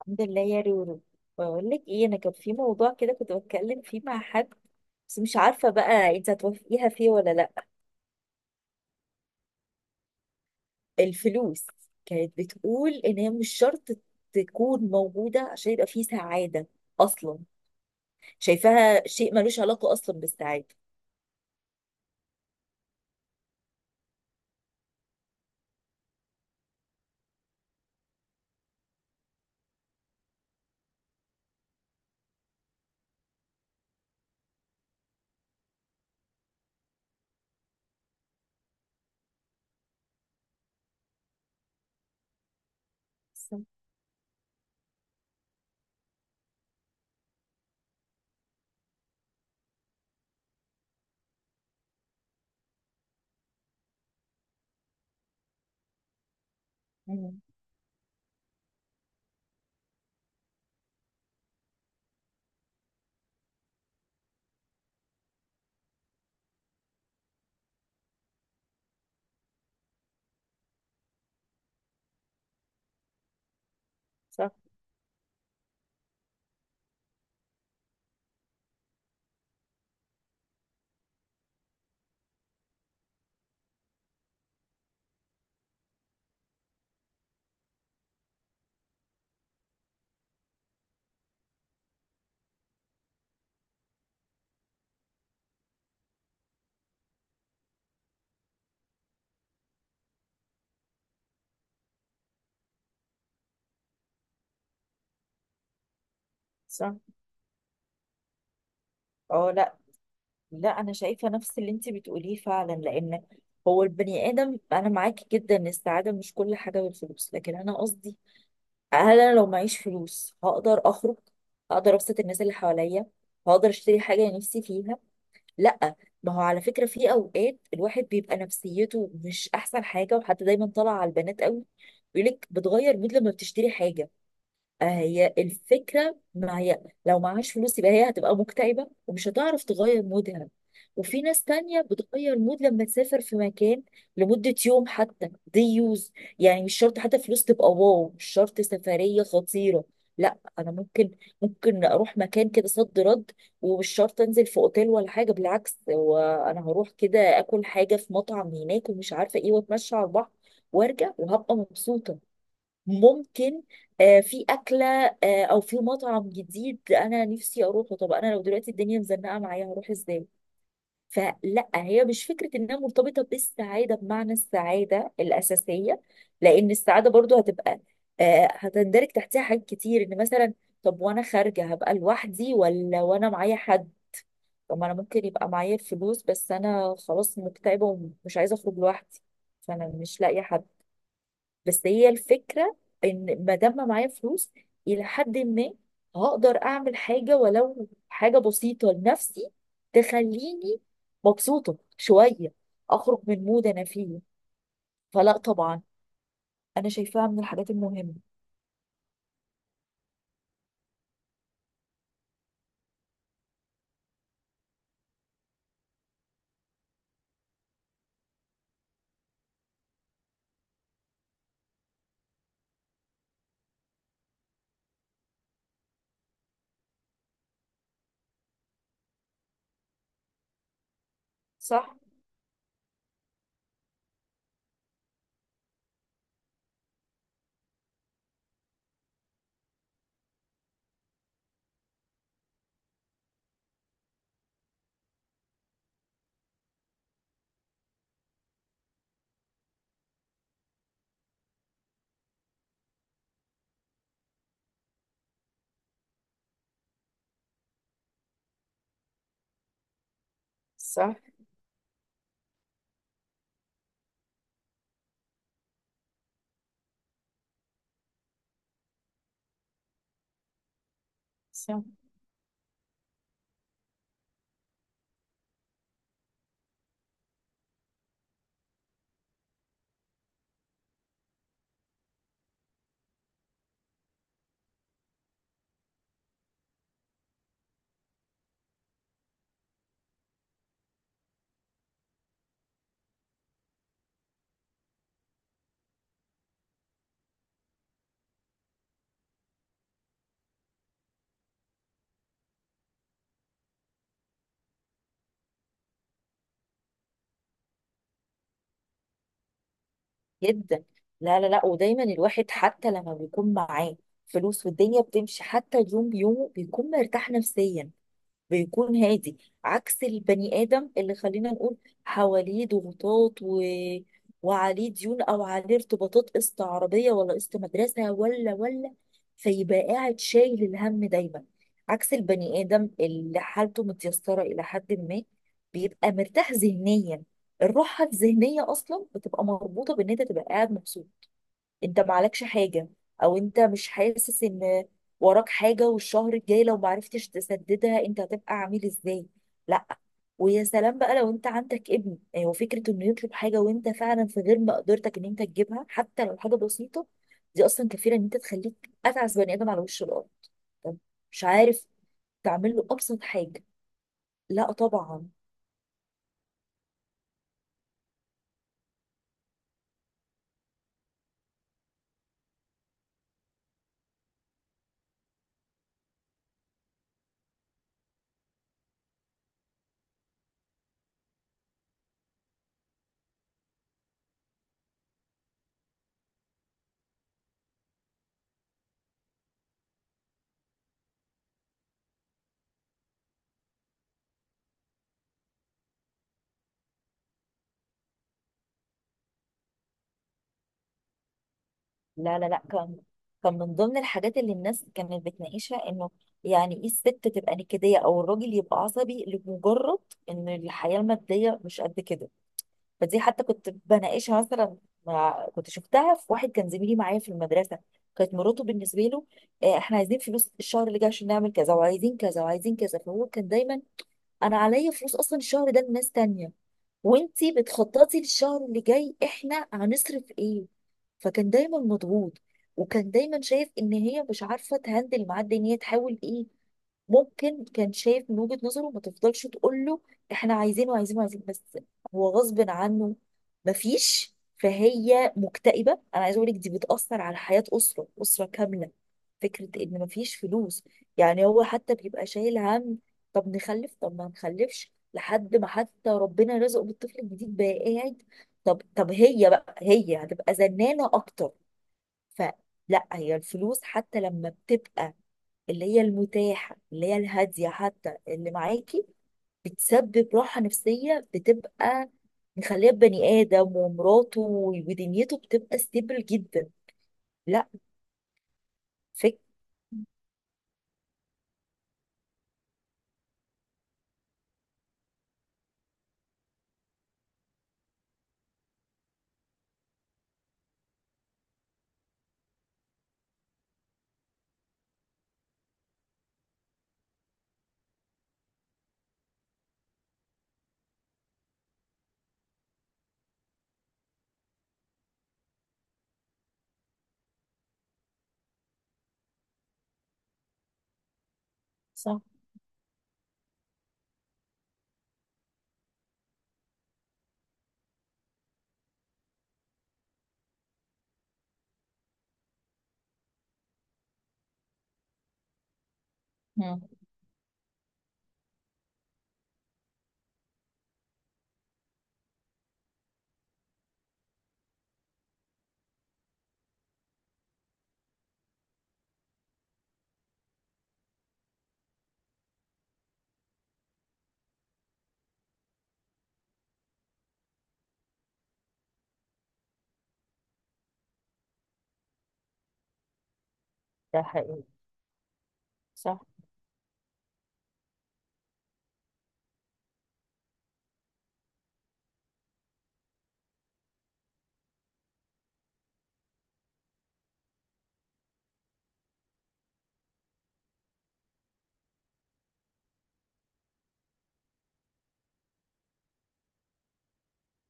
الحمد لله يا رورو. بقول لك ايه، انا كان في موضوع كده كنت بتكلم فيه مع حد، بس مش عارفه بقى انت هتوافقيها فيه ولا لا. الفلوس كانت بتقول ان هي مش شرط تكون موجوده عشان يبقى فيه سعاده، اصلا شايفاها شيء ملوش علاقه اصلا بالسعاده. صح. مم. صح. صح. اه، لا. لا، انا شايفه نفس اللي انت بتقوليه فعلا، لان هو البني ادم. انا معاكي جدا ان السعاده مش كل حاجه بالفلوس، لكن انا قصدي هل انا لو معيش فلوس هقدر اخرج؟ هقدر ابسط الناس اللي حواليا؟ هقدر اشتري حاجه نفسي فيها؟ لا. ما هو على فكره في اوقات الواحد بيبقى نفسيته مش احسن حاجه، وحتى دايما طالع على البنات قوي بيقولك بتغير مود لما بتشتري حاجه. هي الفكرة، ما هي لو معهاش فلوس يبقى هي هتبقى مكتئبة ومش هتعرف تغير مودها. وفي ناس تانية بتغير مود لما تسافر في مكان لمدة يوم حتى. دي يوز، يعني مش شرط حتى فلوس تبقى واو، مش شرط سفرية خطيرة. لا، انا ممكن اروح مكان كده صد رد، ومش شرط انزل في اوتيل ولا حاجة، بالعكس، وانا هروح كده اكل حاجة في مطعم هناك ومش عارفة ايه، واتمشى على البحر وارجع وهبقى مبسوطة. ممكن في أكلة، أو في مطعم جديد أنا نفسي أروحه. طب أنا لو دلوقتي الدنيا مزنقة معايا هروح إزاي؟ فلا، هي مش فكرة إنها مرتبطة بالسعادة بمعنى السعادة الأساسية، لأن السعادة برضو هتبقى، هتندرج تحتها حاجات كتير. إن مثلا طب وأنا خارجة هبقى لوحدي ولا وأنا معايا حد؟ طب ما أنا ممكن يبقى معايا الفلوس بس أنا خلاص مكتئبة ومش عايزة أخرج لوحدي، فأنا مش لاقية حد. بس هي الفكرة، ان ما دام معايا فلوس، الى حد ما هقدر اعمل حاجة، ولو حاجة بسيطة لنفسي تخليني مبسوطة شوية، اخرج من مود انا فيه. فلا طبعا، انا شايفاها من الحاجات المهمة. صح. صح. صح. جدا. لا، لا، لا. ودايما الواحد حتى لما بيكون معاه فلوس والدنيا بتمشي حتى اليوم بيومه بيكون مرتاح نفسيا، بيكون هادي. عكس البني آدم اللي خلينا نقول حواليه ضغوطات، وعليه ديون أو عليه ارتباطات، قسط عربية ولا قسط مدرسة ولا، فيبقى قاعد شايل الهم دايما. عكس البني آدم اللي حالته متيسرة إلى حد ما، بيبقى مرتاح ذهنيا. الراحة الذهنية أصلا بتبقى مربوطة بإن أنت تبقى قاعد مبسوط، انت معلكش حاجة، او انت مش حاسس ان وراك حاجة والشهر الجاي لو معرفتش تسددها انت هتبقى عامل ازاي. لا. ويا سلام بقى لو انت عندك ابن، يعني هو فكرة انه يطلب حاجة وانت فعلا في غير مقدرتك ان انت تجيبها حتى لو حاجة بسيطة، دي اصلا كفيلة ان انت تخليك اتعس بني ادم على وش الارض. طب مش عارف تعمل له ابسط حاجة، لا طبعا. لا، لا، لا. كان من ضمن الحاجات اللي الناس كانت بتناقشها، انه يعني ايه الست تبقى نكدية او الراجل يبقى عصبي لمجرد ان الحياة المادية مش قد كده. فدي حتى كنت بناقشها مثلا مع، كنت شفتها في واحد كان زميلي معايا في المدرسة، كانت مراته بالنسبة له احنا عايزين فلوس الشهر اللي جاي عشان نعمل كذا وعايزين كذا وعايزين كذا. فهو كان دايما انا عليا فلوس اصلا الشهر ده لناس تانية، وانتي بتخططي للشهر اللي جاي احنا هنصرف ايه. فكان دايما مضغوط، وكان دايما شايف ان هي مش عارفه تهندل معاه، ان هي تحاول ايه. ممكن كان شايف من وجهة نظره ما تفضلش تقول له احنا عايزينه عايزينه عايزين، بس هو غصب عنه مفيش. فهي مكتئبة. انا عايزه اقول لك دي بتأثر على حياة أسرة كاملة. فكرة ان مفيش فلوس، يعني هو حتى بيبقى شايل هم. طب نخلف طب ما نخلفش؟ لحد ما حتى ربنا رزقه بالطفل الجديد بقى قاعد، طب هي بقى هي هتبقى زنانة أكتر. فلا، هي الفلوس حتى لما بتبقى اللي هي المتاحة اللي هي الهادية حتى اللي معاكي بتسبب راحة نفسية، بتبقى مخليه بني آدم ومراته ودنيته بتبقى ستيبل جدا. لا. فك صح. مم. ده حقيقي. صح.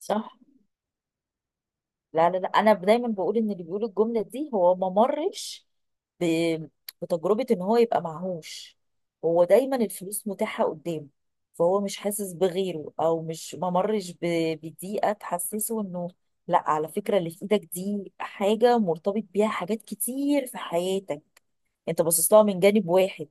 صح. لا، لا، لا. انا دايما بقول ان اللي بيقول الجمله دي هو ما مرش ب... بتجربه ان هو يبقى معهوش. هو دايما الفلوس متاحه قدامه، فهو مش حاسس بغيره. او مش ما مرش بضيقه تحسسه انه لا، على فكره اللي في ايدك دي حاجه مرتبط بيها حاجات كتير في حياتك، انت باصص لها من جانب واحد.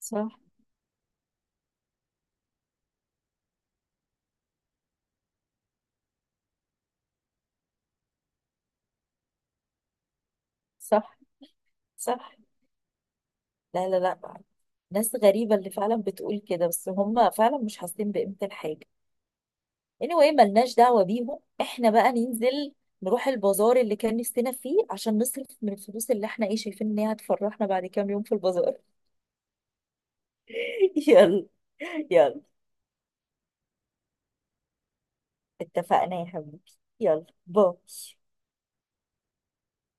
صح. صح. صح. لا، لا، لا. ناس غريبه اللي فعلا بتقول كده، بس هم فعلا مش حاسين بقيمه الحاجه. anyway ملناش دعوة بيهم، احنا بقى ننزل نروح البازار اللي كان نفسنا فيه عشان نصرف من الفلوس اللي احنا ايه شايفين ان هي هتفرحنا بعد كام يوم في البازار. يلا. يلا. اتفقنا يا حبيبي. يلا، باي.